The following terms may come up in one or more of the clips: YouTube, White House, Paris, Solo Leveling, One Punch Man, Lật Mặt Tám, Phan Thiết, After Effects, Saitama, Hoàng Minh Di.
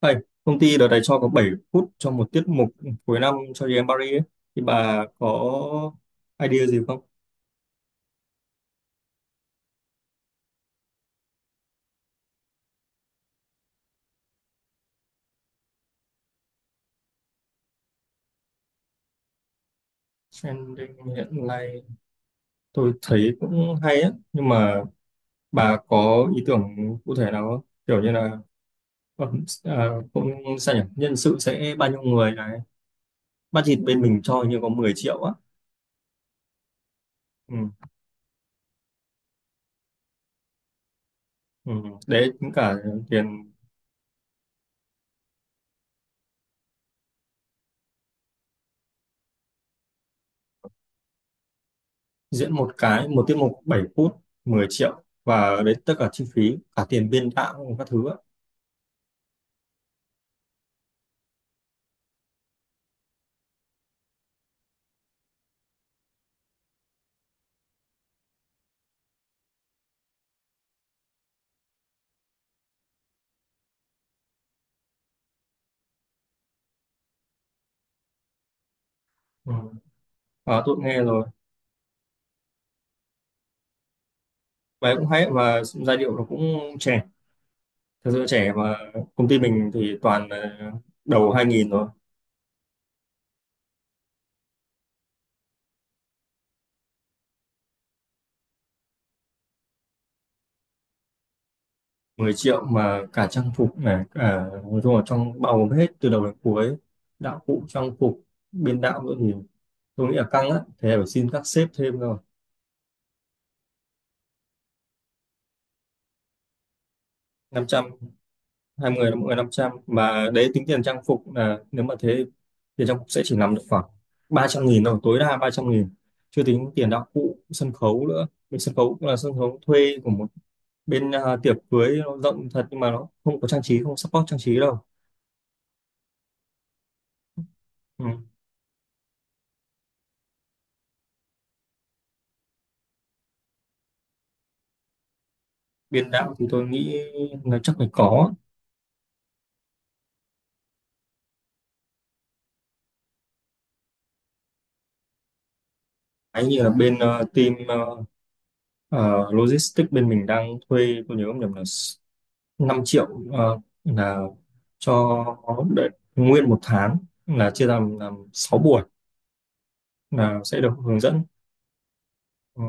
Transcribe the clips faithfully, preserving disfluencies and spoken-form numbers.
Thầy, công ty đợt này cho có bảy phút cho một tiết mục cuối năm cho em Paris ấy. Thì bà có idea gì không? Trending hiện nay tôi thấy cũng hay á, nhưng mà bà có ý tưởng cụ thể nào không? Kiểu như là ờ, à, cũng sao nhỉ? Nhân sự sẽ bao nhiêu người này? Budget bên mình cho hình như có mười triệu á. Ừ, ừ. Đấy, tính cả tiền diễn một cái, một tiết mục bảy phút, mười triệu. Và đấy tất cả chi phí, cả tiền biên đạo, các thứ á. Ừ. Ờ, tôi cũng nghe rồi, bài cũng hay và giai điệu nó cũng trẻ, thật sự trẻ, mà công ty mình thì toàn là đầu hai nghìn rồi. Mười triệu mà cả trang phục này, cả nói chung là trong bao gồm hết từ đầu đến cuối, đạo cụ trang phục, biên đạo nữa thì tôi nghĩ là căng á, thế là phải xin các sếp thêm rồi. Năm trăm, hai người là mỗi người năm trăm, mà đấy tính tiền trang phục, là nếu mà thế tiền trang phục sẽ chỉ nằm được khoảng ba trăm nghìn thôi, tối đa ba trăm nghìn, chưa tính tiền đạo cụ sân khấu nữa. Mình sân khấu cũng là sân khấu thuê của một bên à, tiệc cưới nó rộng thật nhưng mà nó không có trang trí, không support trang trí đâu. Ừ. Biên đạo thì tôi nghĩ là chắc phải có. Ấy như là bên ờ, team ờ, ờ, logistics bên mình đang thuê, tôi nhớ không nhầm là năm triệu, ờ, là cho, đấy, nguyên một tháng, là chia làm làm sáu buổi là sẽ được hướng dẫn. Ờ,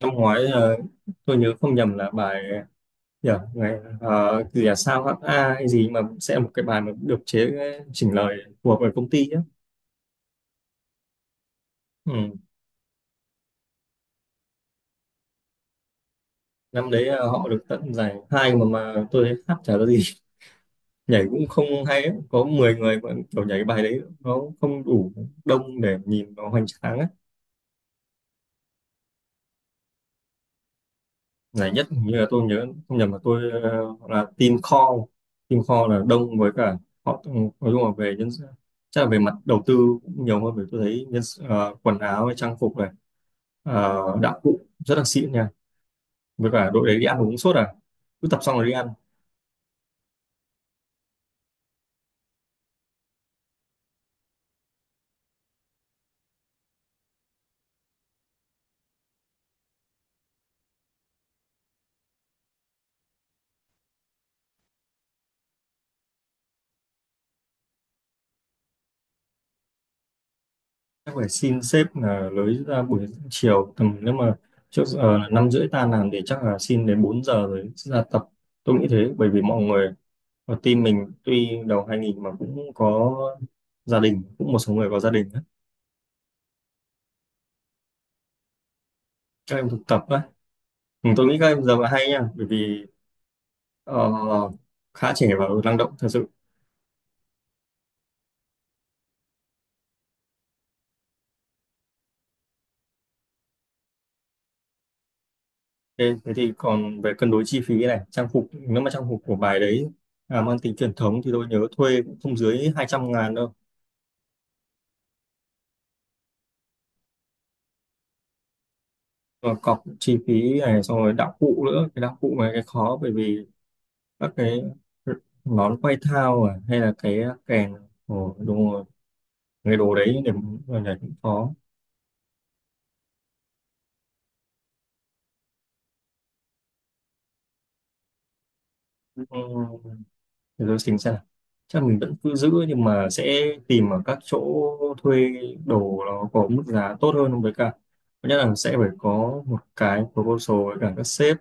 năm ngoái ờ, tôi nhớ không nhầm là bài, yeah, ngày ờ, gì là sao hát a hay gì, mà sẽ một cái bài mà được chế, chỉnh lời của bởi công ty ấy. Ừ. Năm đấy ờ, họ được tận giải hai, mà mà tôi thấy hát chả ra gì nhảy cũng không hay ấy. Có mười người mà kiểu nhảy cái bài đấy nó không đủ đông để nhìn nó hoành tráng ấy. Ngày nhất hình như là, tôi nhớ không nhầm là tôi ờ, hoặc là team call, team call là đông, với cả họ, ừ, nói chung là về nhân, chắc là về mặt đầu tư cũng nhiều hơn, bởi tôi thấy nhân sự- ờ, quần áo hay trang phục này, ờ, đạo cụ rất là xịn nha, với cả đội đấy đi ăn uống suốt à, cứ tập xong rồi đi ăn. Chắc phải xin sếp là lấy ra buổi chiều tầm, nếu mà trước giờ là năm rưỡi tan làm thì chắc là xin đến bốn giờ rồi ra tập. Tôi nghĩ thế, bởi vì mọi người, và team mình tuy đầu hai nghìn mà cũng có gia đình, cũng một số người có gia đình á. Các em thực tập á. Ừ, tôi nghĩ các em giờ là hay nha, bởi vì ờ, khá trẻ và năng động thật sự. Thế, thế thì còn về cân đối chi phí này, trang phục, nếu mà trang phục của bài đấy à, mang tính truyền thống thì tôi nhớ thuê cũng không dưới hai trăm ngàn đâu. Và cọc chi phí này, xong rồi đạo cụ nữa. Cái đạo cụ này cái khó, bởi vì các cái nón quay thao à, hay là cái kèn, ồ, đúng rồi. Cái đồ đấy để, để cũng khó. Ừ. Thế tôi tính xem nào. Chắc mình vẫn cứ giữ nhưng mà sẽ tìm ở các chỗ thuê đồ nó có mức giá tốt hơn, với cả thứ nhất là sẽ phải có một cái proposal với cả các sếp,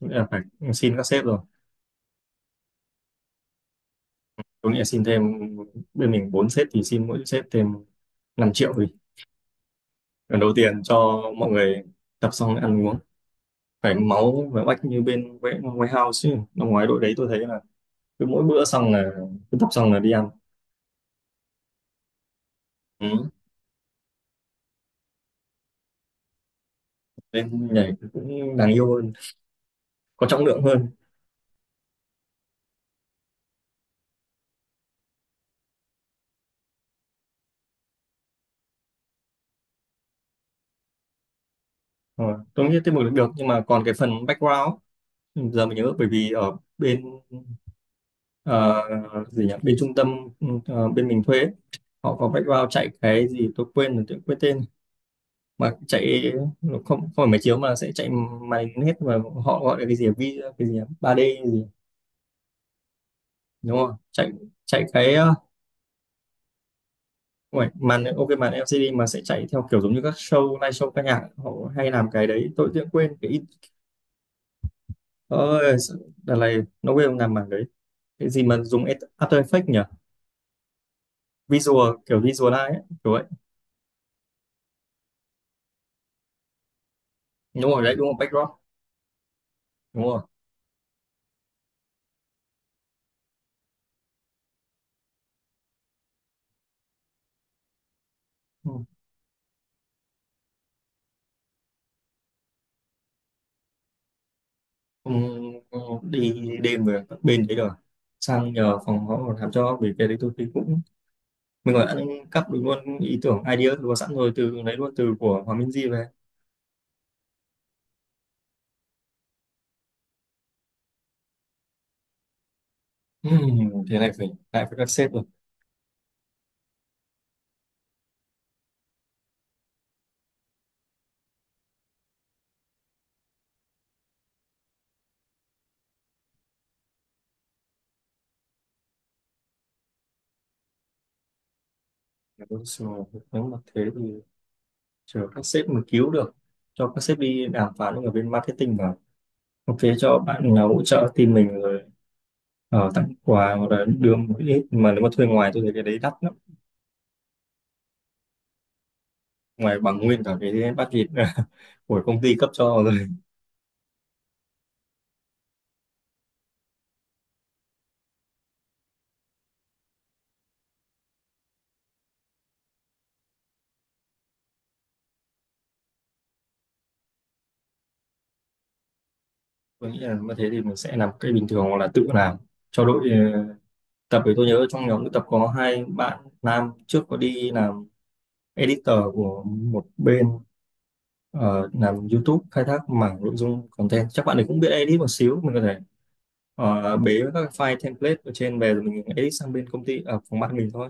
nghĩa là phải xin các sếp rồi. Tôi nghĩ là xin thêm, bên mình bốn sếp thì xin mỗi sếp thêm năm triệu đi, lần đầu tiên cho mọi người tập xong ăn uống phải máu và oách như bên White- Whitehouse chứ. Năm ngoái đội đấy tôi thấy là cứ mỗi bữa xong là, cứ tập xong là đi ăn. Ừ. Nên nhảy cũng đáng yêu hơn, có trọng lượng hơn. Ờ, tôi nghĩ tiết mục được được, nhưng mà còn cái phần background ấy, giờ mình nhớ, bởi vì ở bên ờ, gì nhỉ, bên trung tâm, ừ, ờ, bên mình thuê ấy, họ có background chạy cái gì tôi quên rồi, tôi quên tên mà chạy, nó không không phải máy chiếu mà sẽ chạy màn hình hết mà. Họ gọi là cái gì, vi cái gì nhỉ? ba D gì đúng không, chạy, chạy cái ờ, không phải, màn ok màn e lờ xê đê, mà sẽ chạy theo kiểu giống như các show live show ca nhạc họ hay làm cái đấy, tôi tự nhiên quên. Cái ôi đợt này nó quên làm màn đấy. Cái gì mà dùng After Effects nhỉ, visual, kiểu visualize ấy, kiểu vậy. Đúng rồi đấy, đúng rồi, backdrop. Đúng rồi. Ừ. Ừ, ừ, đi đêm rồi các bên đấy rồi sang nhờ phòng họ làm cho, vì cái đấy tôi thấy cũng, mình gọi đã, cắp được luôn ý tưởng, idea luôn sẵn rồi, từ lấy luôn từ của Hoàng Minh Di về. Ừm, thế này phải lại với các sếp rồi. Nếu mà- thế thì chờ các sếp mà cứu được, cho các sếp đi đàm phán với ở bên marketing vào, ok cho bạn nào hỗ trợ team mình rồi ờ, tặng quà hoặc là đưa một ít, mà nếu mà thuê ngoài tôi thấy cái đấy đắt lắm, ngoài bằng nguyên cả cái bát thịt của công ty cấp cho rồi. Tôi nghĩ là như thế thì mình sẽ làm cái bình thường hoặc là tự làm cho đội. ờ, Tập thì tôi nhớ trong nhóm tập có hai bạn nam, trước có đi làm editor của một bên, ờ, làm YouTube, khai thác mảng nội dung content, chắc bạn ấy cũng biết edit một xíu. Mình có thể ờ, bế các file template ở trên về rồi mình edit sang bên công ty ở phòng ban mình thôi.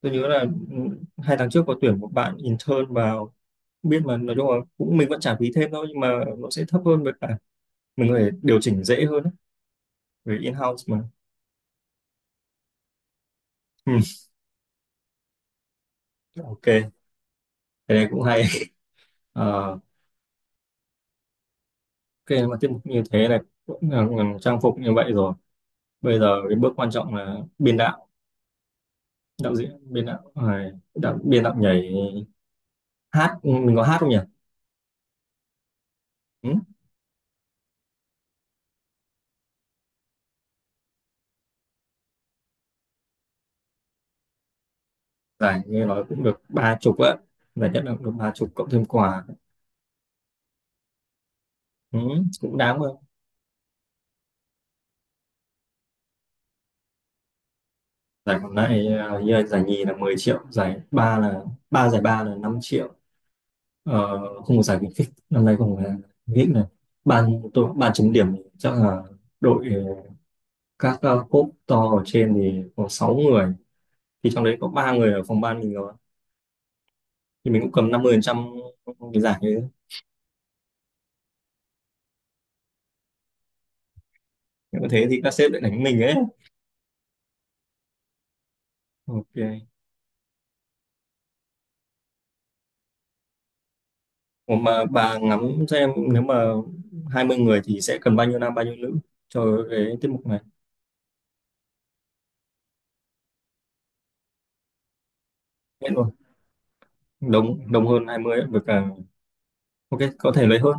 Tôi nhớ là, ừ, hai tháng trước có tuyển một bạn intern vào. Không biết, mà nói chung là cũng mình vẫn trả phí thêm thôi, nhưng mà nó sẽ thấp hơn, với cả mình có thể điều chỉnh dễ hơn ấy, về in-house mà. Ừ. Ok, cái này cũng hay. Ờ, ok mà tiết mục như thế này cũng là, trang phục như vậy rồi, bây giờ cái bước quan trọng là biên đạo, đạo diễn biên đạo, à, đạo biên đạo nhảy, hát. Ừ, mình có hát không nhỉ. Ừ. Giải nghe nói cũng được ba chục á, giải nhất là cũng được ba chục cộng thêm quà. Ừ. Cũng đáng mà. Giải còn lại à, như là giải nhì là mười triệu, giải ba là, ba giải ba là năm triệu, ờ, không có giải khuyến khích, năm nay không có giải khuyến khích này. Ban tôi, ban chấm điểm thì chắc là đội, ờ, các uh, cốp to ở trên thì có sáu người, thì trong đấy có ba người ở phòng ban mình rồi, thì mình cũng cầm năm mươi phần trăm cái giải như thế. Nếu mà thế thì các sếp lại đánh mình ấy. Ok. Ủa mà bà ngắm xem, nếu mà hai mươi người thì sẽ cần bao nhiêu nam bao nhiêu nữ cho cái tiết mục này. Hết luôn, đông đông hơn hai mươi, với cả. Ok, có thể lấy hơn.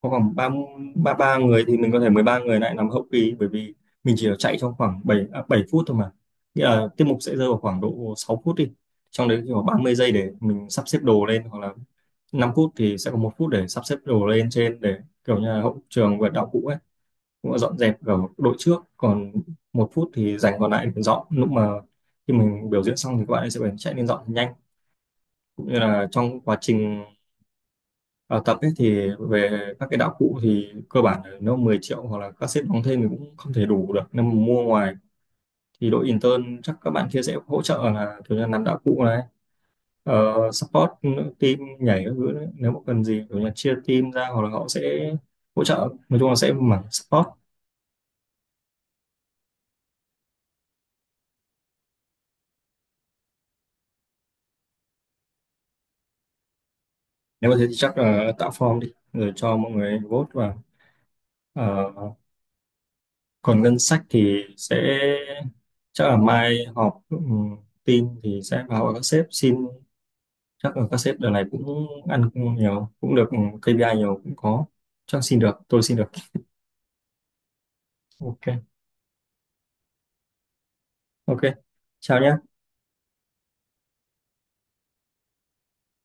Có khoảng ba, ba ba người thì mình có thể mười ba người lại làm hậu kỳ, bởi vì mình chỉ chạy trong khoảng bảy à, bảy phút thôi mà. Nghĩa là tiết mục sẽ rơi vào khoảng độ sáu phút đi. Trong đấy khoảng ba mươi giây để mình sắp xếp đồ lên hoặc là năm phút thì sẽ có một phút để sắp xếp đồ lên trên, để kiểu như là hậu trường và đạo cụ ấy, cũng là dọn dẹp ở đội trước, còn một phút thì dành còn lại để dọn lúc mà khi mình biểu diễn xong thì các bạn ấy sẽ phải chạy lên dọn thật nhanh, cũng như là trong quá trình Ờ, tập ấy. Thì về các cái đạo cụ thì cơ bản là nó mười triệu, hoặc là các sếp đóng thêm thì cũng không thể đủ được nên mà mua ngoài, thì đội intern chắc các bạn kia sẽ hỗ trợ, là kiểu như là làm đạo cụ này, ờ, support team nhảy các thứ đấy. Nếu mà cần gì kiểu như là chia team ra hoặc là họ sẽ hỗ trợ, nói chung là sẽ mảng support. Nếu mà thế thì chắc là tạo form đi rồi cho mọi người vote vào. Ờ, còn ngân sách thì sẽ, chắc là mai họp, ừ, team thì sẽ vào các sếp xin. Chắc là các sếp đợt này cũng ăn nhiều cũng được, ừ, kay pi ai nhiều cũng có, chắc xin được, tôi xin được. Ok. Ok, chào nhé.